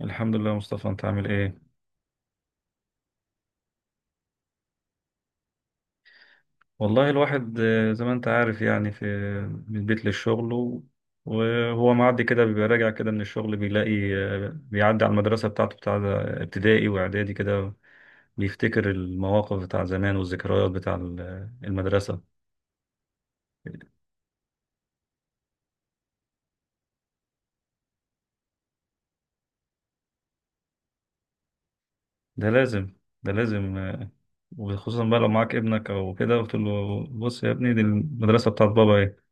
الحمد لله يا مصطفى، انت عامل ايه؟ والله الواحد زي ما انت عارف، يعني في من البيت للشغل، وهو معدي كده بيبقى راجع كده من الشغل، بيلاقي بيعدي على المدرسة بتاعته، بتاع ابتدائي واعدادي كده، بيفتكر المواقف بتاع زمان والذكريات بتاع المدرسة. ده لازم، ده لازم وخصوصا بقى لو معاك ابنك او كده، قلت له بص يا ابني، دي المدرسة بتاعت بابا ايه.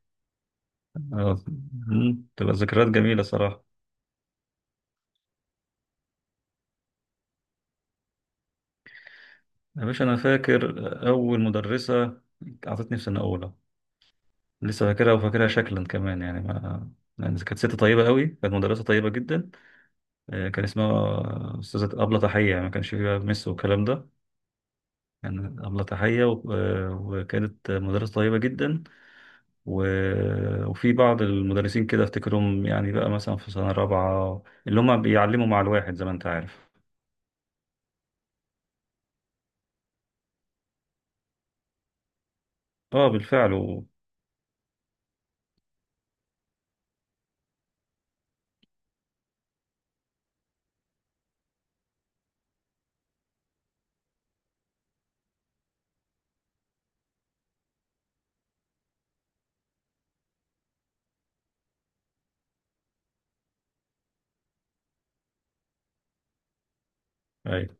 آه، تبقى ذكريات جميلة صراحة. يا باشا، أنا فاكر أول مدرسة أعطتني في سنة أولى، لسه فاكرها وفاكرها شكلا كمان، يعني ما يعني كانت ست طيبة قوي، كانت مدرسة طيبة جدا. كان اسمها أستاذة أبلة تحية، يعني ما كانش فيها مس والكلام ده. كان أبلة تحية، وكانت مدرسة طيبة جدا. وفي بعض المدرسين كده أفتكرهم، يعني بقى مثلا في سنة رابعة، اللي هم بيعلموا مع الواحد زي ما أنت عارف. أه بالفعل. أيوه،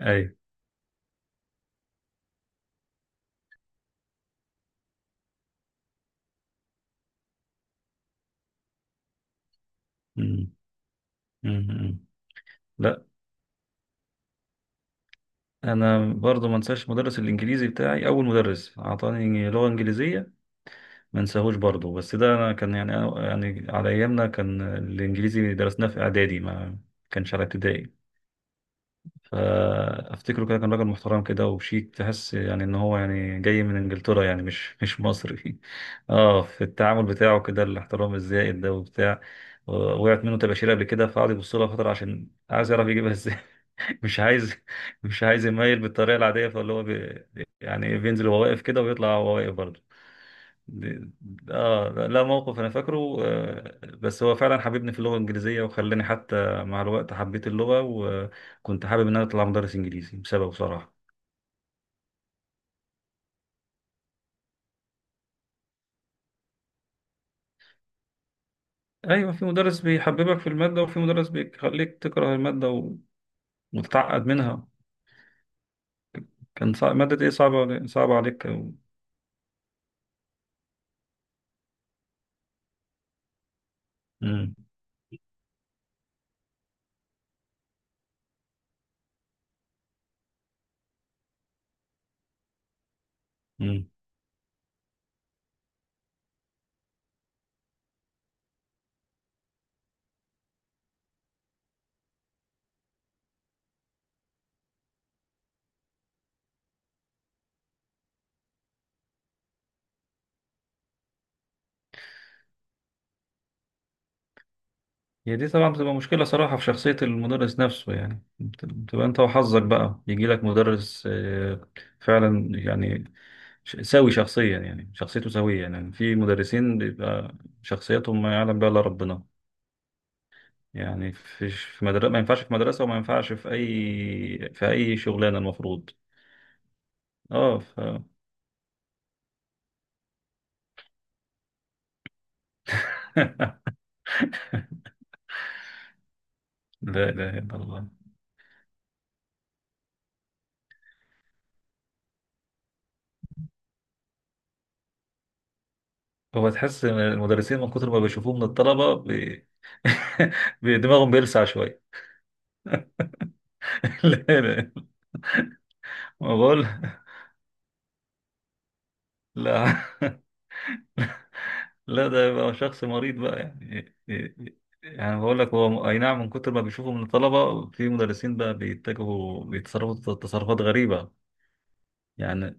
أيوه. أمم، أمم، أمم. لا، انا برضو ما انساش مدرس الانجليزي بتاعي، اول مدرس اعطاني لغه انجليزيه، ما انساهوش برضو، بس ده انا كان يعني، يعني على ايامنا كان الانجليزي درسناه في اعدادي، ما كانش على ابتدائي. فافتكره كده، كان راجل محترم كده وشيك، تحس يعني ان هو يعني جاي من انجلترا، يعني مش مصري. اه، في التعامل بتاعه كده الاحترام الزائد ده وبتاع. وقعت منه تباشير قبل كده، فقعد يبص لها فتره عشان عايز يعرف يجيبها، مش عايز مش عايز يميل بالطريقه العاديه، فاللي هو يعني إيه، بينزل وهو واقف كده ويطلع وهو واقف برضه. دي- اه، لا، موقف انا فاكره بس هو فعلا حببني في اللغه الانجليزيه، وخلاني حتى مع الوقت حبيت اللغه، وكنت حابب ان انا اطلع مدرس انجليزي بسببه بصراحه. ايوه، في مدرس بيحببك في الماده، وفي مدرس بيخليك تكره الماده وتتعقد منها. كان صعب، ماده ايه صعبه علي- صعبه عليك أو... مم. هي دي طبعا بتبقى مشكلة صراحة في شخصية المدرس نفسه، يعني بتبقى انت وحظك بقى، يجي لك مدرس فعلا، يعني سوي شخصيا، يعني شخصيته سوية. يعني في مدرسين بيبقى شخصيتهم ما يعلم بها الا ربنا. يعني في مدرسة ما ينفعش، في مدرسة وما ينفعش في اي شغلانة المفروض. اه لا اله الا الله. هو تحس إن المدرسين من كتر ما بيشوفوه من الطلبة. دماغهم بيلسع شوية. لا، لا، ما بقول لا. لا، ده يبقى شخص مريض بقى يعني. يعني بقول لك، هو اي نعم، من كتر ما بيشوفوا من الطلبه، في مدرسين بقى بيتصرفوا تصرفات غريبه. يعني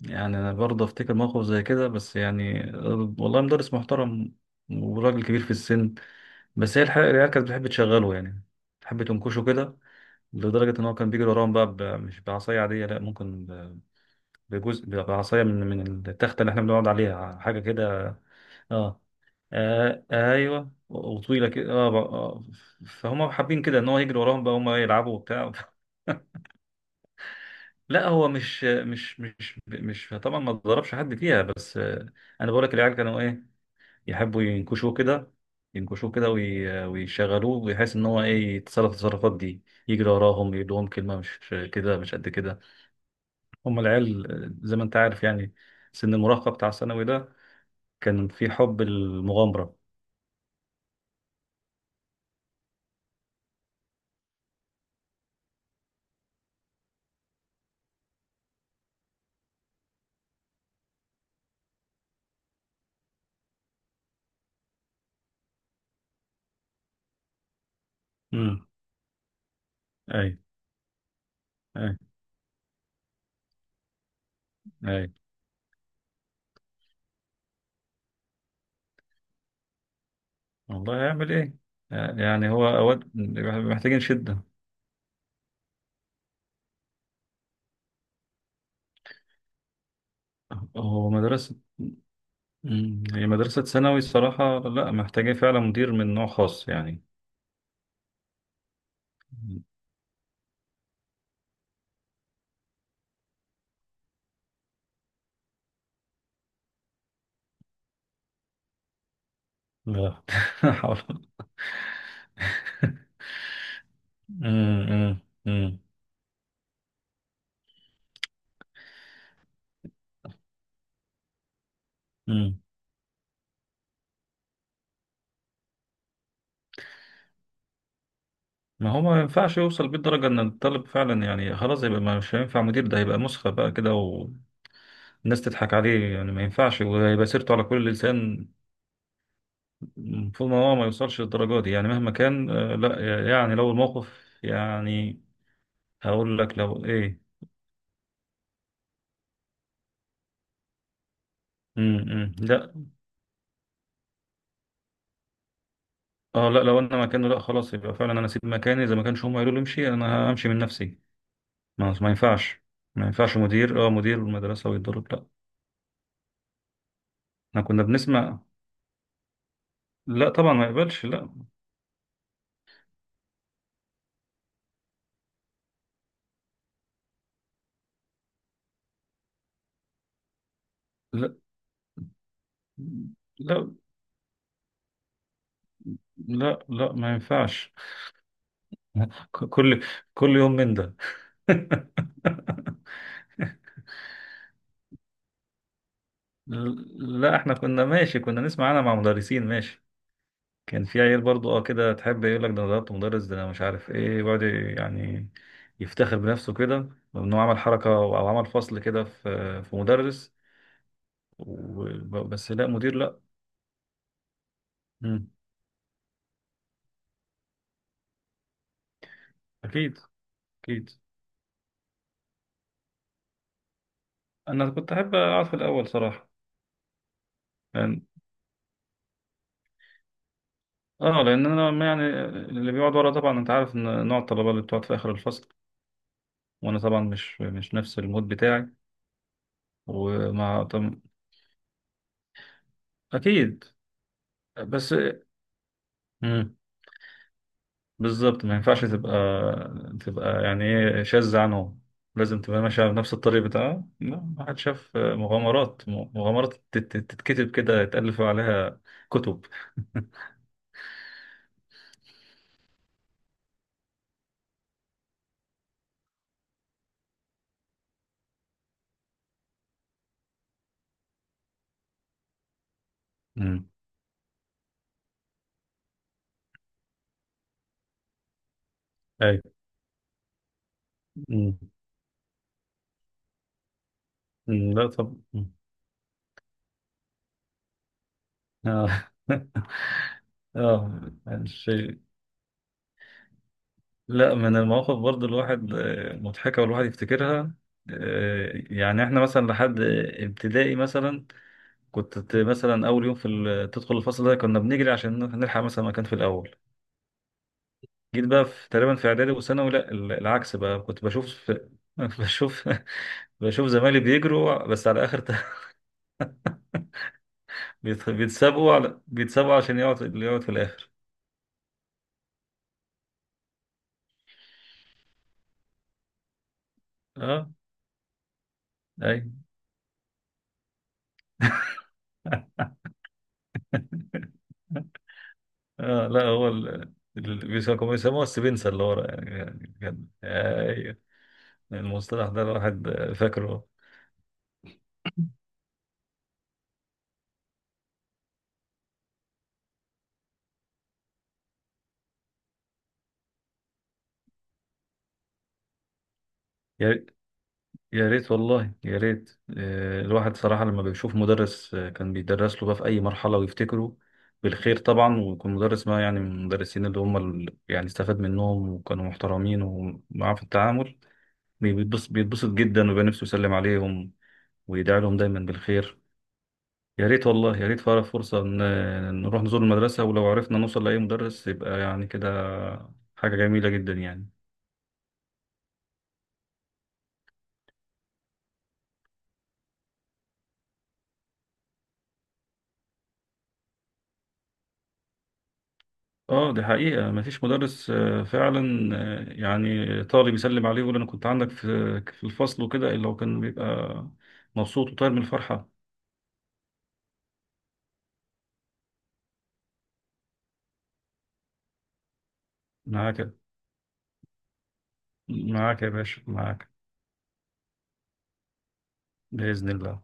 يعني انا برضه افتكر موقف زي كده، بس يعني والله مدرس محترم وراجل كبير في السن، بس هي الحقيقه العيال كانت بتحب تشغله يعني، تحب تنكشه كده، لدرجه ان هو كان بيجري وراهم بقى، مش بعصايه عاديه، لا، ممكن بجزء بعصايه من التخته اللي احنا بنقعد عليها، حاجه كده. اه. آه، ايوه، وطويله كده آه فهم حابين كده ان هو يجري وراهم، بقى هم يلعبوا وبتاع. لا، هو مش طبعا ما ضربش حد فيها، بس انا بقول لك العيال كانوا ايه، يحبوا ينكشوه كده، ينكشوه كده ويشغلوه بحيث ان هو ايه يتصرف التصرفات دي، يجري وراهم يدوهم كلمه، مش كده، مش قد كده. هم العيال زي ما انت عارف يعني، سن المراهقه بتاع الثانوي ده، كان في حب المغامره. امم. اي. اي والله، هيعمل ايه؟ يعني هو اوقات محتاجين شدة. هو مدرسة مم. هي مدرسة ثانوي الصراحة، لا، محتاجين فعلا مدير من نوع خاص يعني. لا. حول. مم، مم، مم، مم. ما هو ما ينفعش يوصل بيه الدرجة ان الطالب فعلا، يعني خلاص يبقى مش هينفع مدير، ده هيبقى مسخة بقى كده، والناس تضحك عليه يعني، ما ينفعش، وهيبقى سيرته على كل لسان. المفروض ان هو ما يوصلش للدرجة دي، يعني مهما كان لا، يعني لو الموقف، يعني هقول لك لو ايه. إمم. لا. اه، لا، لو انا مكانه، لا، خلاص يبقى فعلا انا اسيب مكاني، اذا ما كانش هم قالوا لي امشي، انا همشي من نفسي. ما ينفعش. ما ينفعش مدير، اه، مدير المدرسه ويتضرب، لا. احنا كنا بنسمع. لا طبعا ما يقبلش، لا، لا، لا، لا، لا، ما ينفعش. كل، كل يوم من ده. لا، احنا كنا ماشي، كنا نسمع، انا مع مدرسين ماشي، كان في عيال برضو، اه كده تحب يقول لك ده انا ضربت مدرس، ده انا مش عارف ايه، ويقعد يعني يفتخر بنفسه كده، انه عمل حركه او عمل فصل كده في مدرس، بس لا مدير لا. مم. اكيد، اكيد. انا كنت احب اقعد في الاول صراحه، لأن، اه، لان انا، ما يعني، اللي بيقعد ورا طبعا انت عارف ان نوع الطلبه اللي بتقعد في اخر الفصل، وانا طبعا مش نفس المود بتاعي، وما طب. اكيد. بس. مم. بالظبط، ما ينفعش تبقى، تبقى يعني ايه شاذة عنهم، لازم تبقى ماشية بنفس الطريق بتاعها. لا، ما حد شاف مغامرات تتكتب كده يتألف عليها كتب. امم. اي. امم. أمم. لا، طب. أمم. اه. اه، الشيء. لا، من المواقف برضو الواحد مضحكة، والواحد يفتكرها. يعني احنا مثلا لحد ابتدائي مثلا، كنت مثلا اول يوم في تدخل الفصل ده، كنا بنجري عشان نلحق مثلا مكان في الاول. جيت بقى في تقريبا في اعدادي وثانوي، لا، العكس بقى، كنت بشوف في. بشوف بشوف زمايلي بيجروا بس على اخر. بيتسابقوا عشان يقعد اللي يقعد في الاخر. اه، اي. اه، لا، هو بيسموها السبنسة اللي ورا، يعني كان ايوه، المصطلح ده الواحد فاكره، يعني. يا ريت، والله يا ريت الواحد صراحة لما بيشوف مدرس كان بيدرس له بقى في أي مرحلة، ويفتكره بالخير طبعا، ويكون مدرس، ما يعني، من المدرسين اللي هم يعني استفاد منهم وكانوا محترمين ومعاه في التعامل، بيتبسط جدا، ويبقى نفسه يسلم عليهم، ويدعي لهم دايما بالخير. يا ريت والله يا ريت فارق فرصة نروح نزور المدرسة، ولو عرفنا نوصل لأي مدرس يبقى يعني كده حاجة جميلة جدا يعني. اه، دي حقيقة، مفيش مدرس فعلا يعني طالب يسلم عليه يقول انا كنت عندك في الفصل وكده، الا هو كان بيبقى مبسوط وطاير من الفرحة. معاك، معاك يا باشا، معاك. بإذن الله.